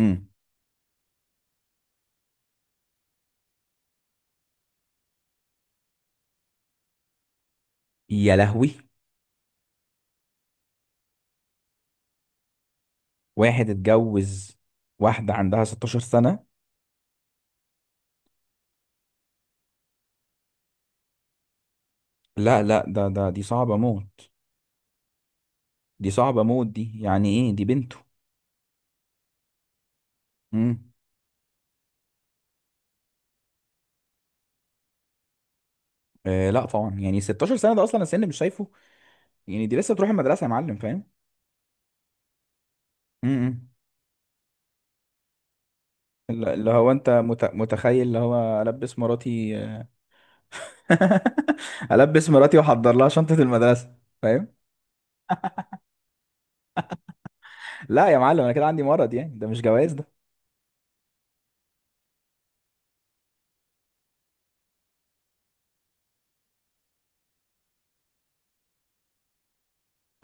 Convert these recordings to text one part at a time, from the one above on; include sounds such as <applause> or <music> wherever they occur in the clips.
امم. يا لهوي! واحد اتجوز واحدة عندها 16 سنة. لا، لا، ده دي صعبة موت. دي صعبة موت، دي يعني ايه، دي بنته؟ امم. آه لا طبعا، يعني 16 سنة ده اصلا السن مش شايفه، يعني دي لسه تروح المدرسة يا معلم، فاهم؟ امم. اللي هو انت متخيل اللي هو البس مراتي؟ <laughs> البس مراتي واحضر لها شنطة المدرسة، فاهم؟ لا يا معلم، انا كده عندي مرض، يعني ده مش جواز ده.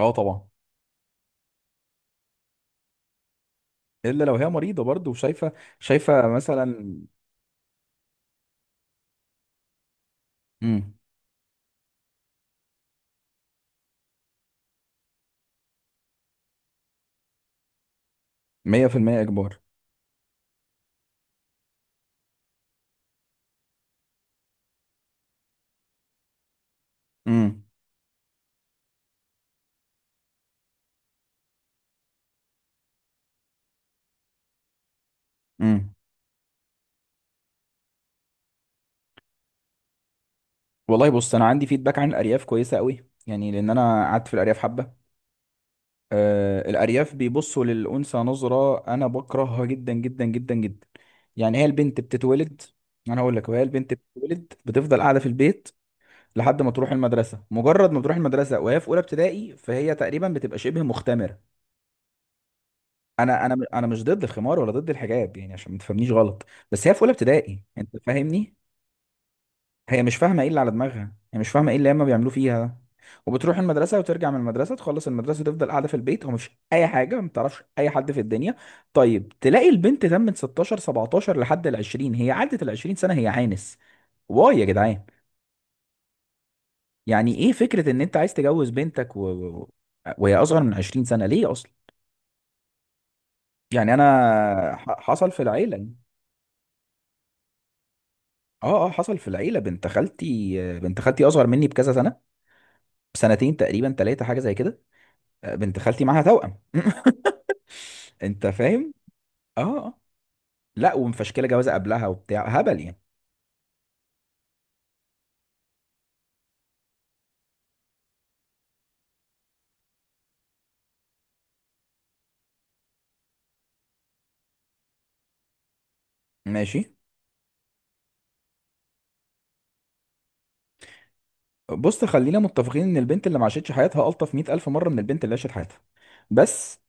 اه طبعا. الا لو هي مريضة برضه وشايفة، شايفة مثلا. مم. مية في المية إجبار. امم، امم. والله بص، أنا عندي فيدباك عن الأرياف كويسة قوي، يعني لأن أنا قعدت في الأرياف حبة. آه، الأرياف بيبصوا للأنثى نظرة أنا بكرهها جدا جدا جدا جدا. يعني هي البنت بتتولد، أنا هقول لك، وهي البنت بتتولد بتفضل قاعدة في البيت لحد ما تروح المدرسة. مجرد ما تروح المدرسة وهي في أولى ابتدائي فهي تقريبا بتبقى شبه مختمرة. أنا مش ضد الخمار ولا ضد الحجاب، يعني عشان ما تفهمنيش غلط. بس هي في أولى ابتدائي، أنت فاهمني. هي مش فاهمه ايه اللي على دماغها، هي مش فاهمه ايه اللي هما بيعملوه فيها ده. وبتروح المدرسه وترجع من المدرسه، تخلص المدرسه تفضل قاعده في البيت ومش اي حاجه، ما بتعرفش اي حد في الدنيا. طيب تلاقي البنت تمت 16، 17، لحد ال 20، هي عدت ال 20 سنه هي عانس. واي يا جدعان! يعني ايه فكره ان انت عايز تجوز بنتك وهي اصغر من 20 سنه؟ ليه اصلا؟ يعني انا حصل في العيله. اه، اه، حصل في العيله، بنت خالتي اصغر مني بكذا سنه، بسنتين تقريبا، ثلاثه، حاجه زي كده. بنت خالتي معاها توأم. <laughs> انت فاهم؟ اه. آه. لا ومفشكله جوازه قبلها وبتاع هبل يعني. ماشي. بص، خلينا متفقين ان البنت اللي ما عاشتش حياتها الطف 100 الف مره من البنت اللي عاشت حياتها. بس.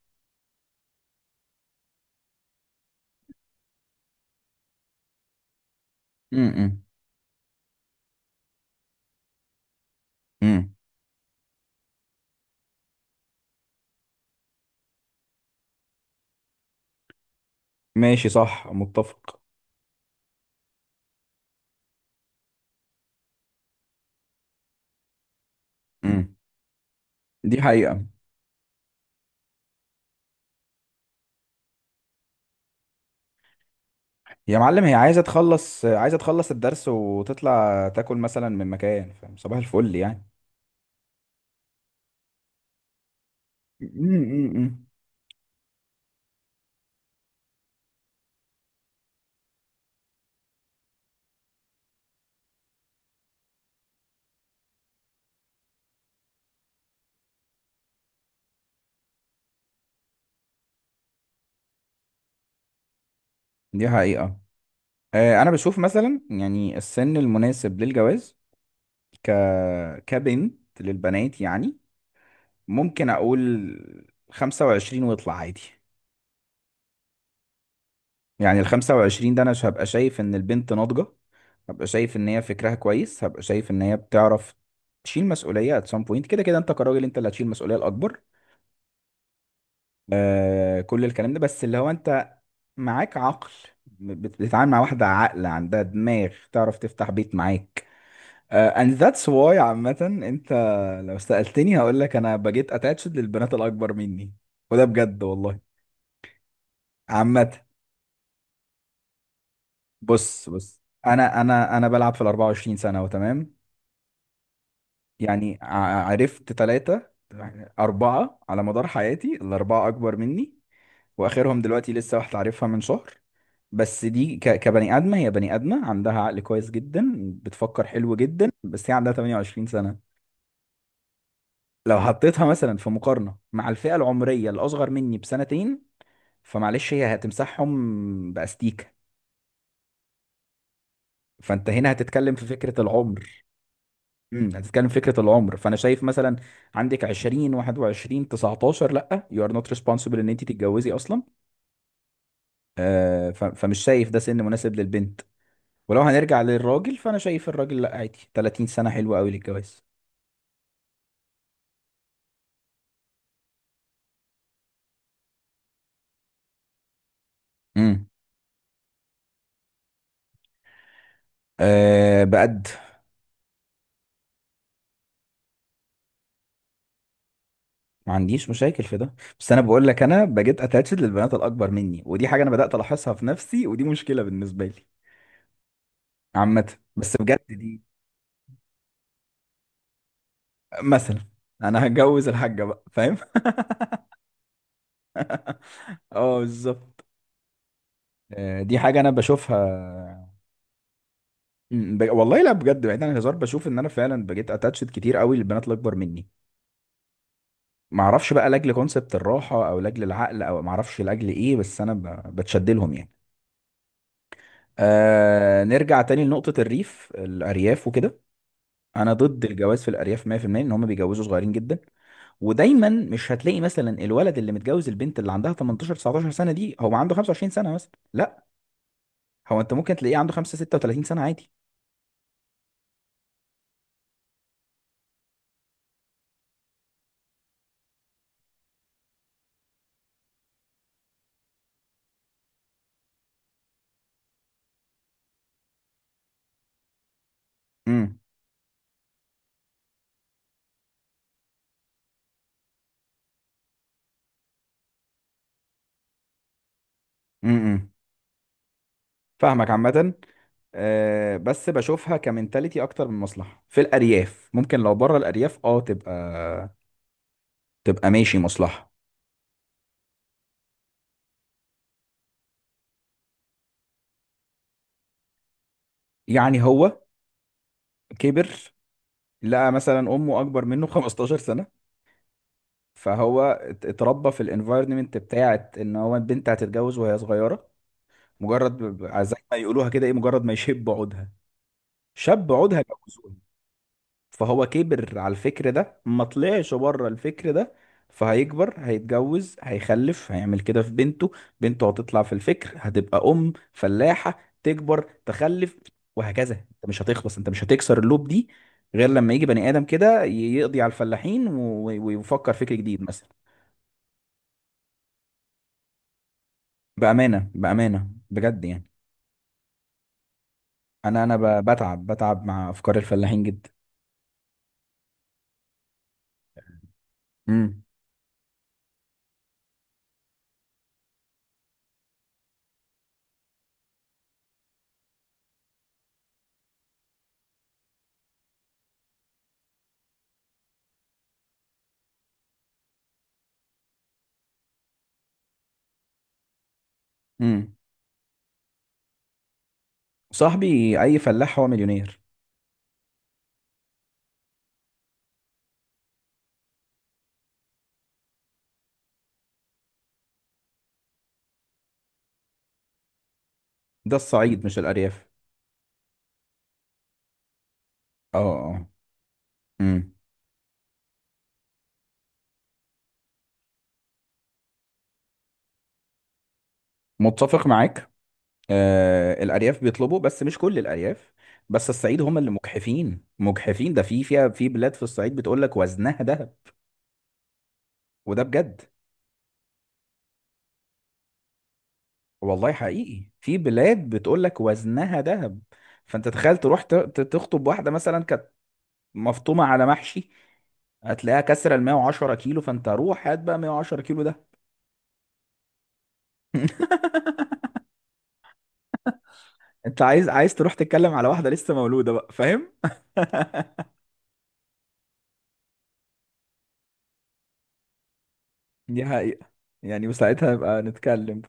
امم، امم. ماشي، صح، متفق. امم. دي حقيقه. يا معلم، هي عايزه تخلص الدرس وتطلع تاكل مثلا من مكان، فاهم، صباح الفل يعني. امم. دي حقيقه. آه، انا بشوف مثلا يعني السن المناسب للجواز، ك كبنت للبنات يعني، ممكن اقول 25 واطلع عادي. يعني ال 25 ده انا هبقى شايف ان البنت ناضجة، هبقى شايف ان هي فكرها كويس، هبقى شايف ان هي بتعرف تشيل مسؤولية at some point. كده كده انت كراجل، انت اللي هتشيل المسؤولية الاكبر. آه، كل الكلام ده، بس اللي هو انت معاك عقل، بتتعامل مع واحدة عاقلة عندها دماغ، تعرف تفتح بيت معاك. آه، and that's why عامة. انت لو سألتني هقول لك انا بقيت attached للبنات الاكبر مني، وده بجد والله. عامة. بص، بص، انا بلعب في ال 24 سنة وتمام. يعني عرفت ثلاثة أربعة على مدار حياتي، الأربعة أكبر مني، وآخرهم دلوقتي لسه واحدة عارفها من شهر. بس دي كبني آدمة، هي بني آدمة عندها عقل كويس جدا، بتفكر حلو جدا، بس هي عندها 28 سنة. لو حطيتها مثلا في مقارنة مع الفئة العمرية الأصغر مني بسنتين، فمعلش هي هتمسحهم بأستيكة. فأنت هنا هتتكلم في فكرة العمر. امم، هتتكلم في فكرة العمر، فأنا شايف مثلا عندك 20، 21، 19، لأ، you are not responsible إن أنت تتجوزي أصلا. آه، فمش شايف ده سن مناسب للبنت. ولو هنرجع للراجل فأنا شايف الراجل لأ، عادي 30 سنة حلوة أوي للجواز. امم. آه، بقد. ما عنديش مشاكل في ده. بس انا بقول لك انا بقيت اتاتشد للبنات الاكبر مني، ودي حاجه انا بدات الاحظها في نفسي، ودي مشكله بالنسبه لي. عامه. بس بجد دي. مثلا انا هتجوز الحاجه بقى، فاهم؟ <laughs> اه، بالظبط. آه، دي حاجه انا بشوفها. والله لا بجد، بعيد عن الهزار، بشوف ان انا فعلا بقيت اتاتشد كتير قوي للبنات الاكبر مني. ما اعرفش بقى لاجل كونسبت الراحه او لاجل العقل او ما اعرفش لاجل ايه، بس انا بتشد لهم يعني. آه، نرجع تاني لنقطه الارياف وكده. انا ضد الجواز في الارياف 100%، ان هم بيجوزوا صغيرين جدا. ودايما مش هتلاقي مثلا الولد اللي متجوز البنت اللي عندها 18، 19 سنه دي هو عنده 25 سنه مثلا، لا، هو انت ممكن تلاقيه عنده 5 36 سنه عادي. امم، امم. امم. فاهمك عامه. أه، بس بشوفها كمنتاليتي اكتر من مصلحه، في الارياف ممكن، لو بره الارياف اه تبقى ماشي مصلحه. يعني هو كبر لقى مثلا امه اكبر منه 15 سنه، فهو اتربى في الانفايرمنت بتاعت ان هو البنت هتتجوز وهي صغيره. مجرد زي ما يقولوها كده ايه، مجرد ما يشب عودها، شاب عودها جوزوه. فهو كبر على الفكر ده، ما طلعش بره الفكر ده. فهيكبر هيتجوز هيخلف، هيعمل كده في بنته. بنته هتطلع في الفكر، هتبقى ام فلاحه تكبر تخلف. وهكذا. انت مش هتخلص، انت مش هتكسر اللوب دي، غير لما يجي بني ادم كده يقضي على الفلاحين ويفكر فكر جديد مثلا. بأمانة، بأمانة، بجد يعني. أنا بتعب بتعب مع أفكار الفلاحين جدا. امم، امم. صاحبي، أي فلاح هو مليونير. ده الصعيد مش الأرياف. اه، اه. امم. متفق معاك. آه، الأرياف بيطلبوا بس مش كل الأرياف. بس الصعيد هم اللي مجحفين مجحفين، ده فيها في بلاد في الصعيد بتقول لك وزنها ذهب. وده بجد، والله حقيقي في بلاد بتقول لك وزنها ذهب. فأنت تخيل تروح تخطب واحدة مثلا كانت مفطومه على محشي، هتلاقيها كسر ال 110 كيلو، فانت روح هات بقى 110 كيلو ده. <laughs> انت عايز تروح تتكلم على واحده لسه مولوده بقى، فاهم؟ دي حقيقه. يعني وساعتها يبقى نتكلم.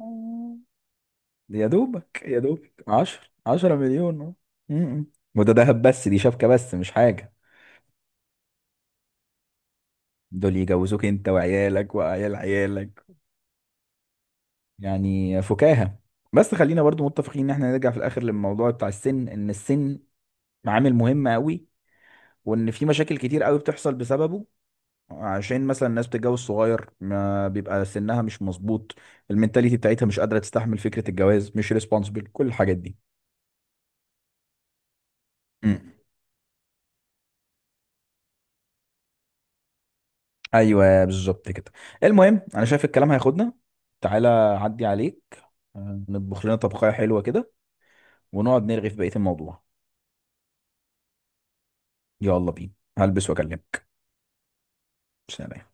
آه. يا دوبك، يا دوبك 10 مليون اه. م-م. وده دهب بس، دي شبكه بس مش حاجه. دول يجوزوك انت وعيالك وعيال عيالك، يعني فكاهه. بس خلينا برضو متفقين ان احنا نرجع في الاخر للموضوع بتاع السن، ان السن عامل مهم قوي، وان في مشاكل كتير قوي بتحصل بسببه. عشان مثلا الناس بتتجوز صغير، ما بيبقى سنها مش مظبوط، المنتاليتي بتاعتها مش قادره تستحمل فكره الجواز، مش ريسبونسبل كل الحاجات دي. امم. ايوه، بالظبط كده. المهم، انا شايف الكلام هياخدنا. تعالى عدي عليك، آه، نطبخ لنا طبخية حلوة كده ونقعد نرغي في بقية الموضوع. يلا بينا، هلبس واكلمك. سلام.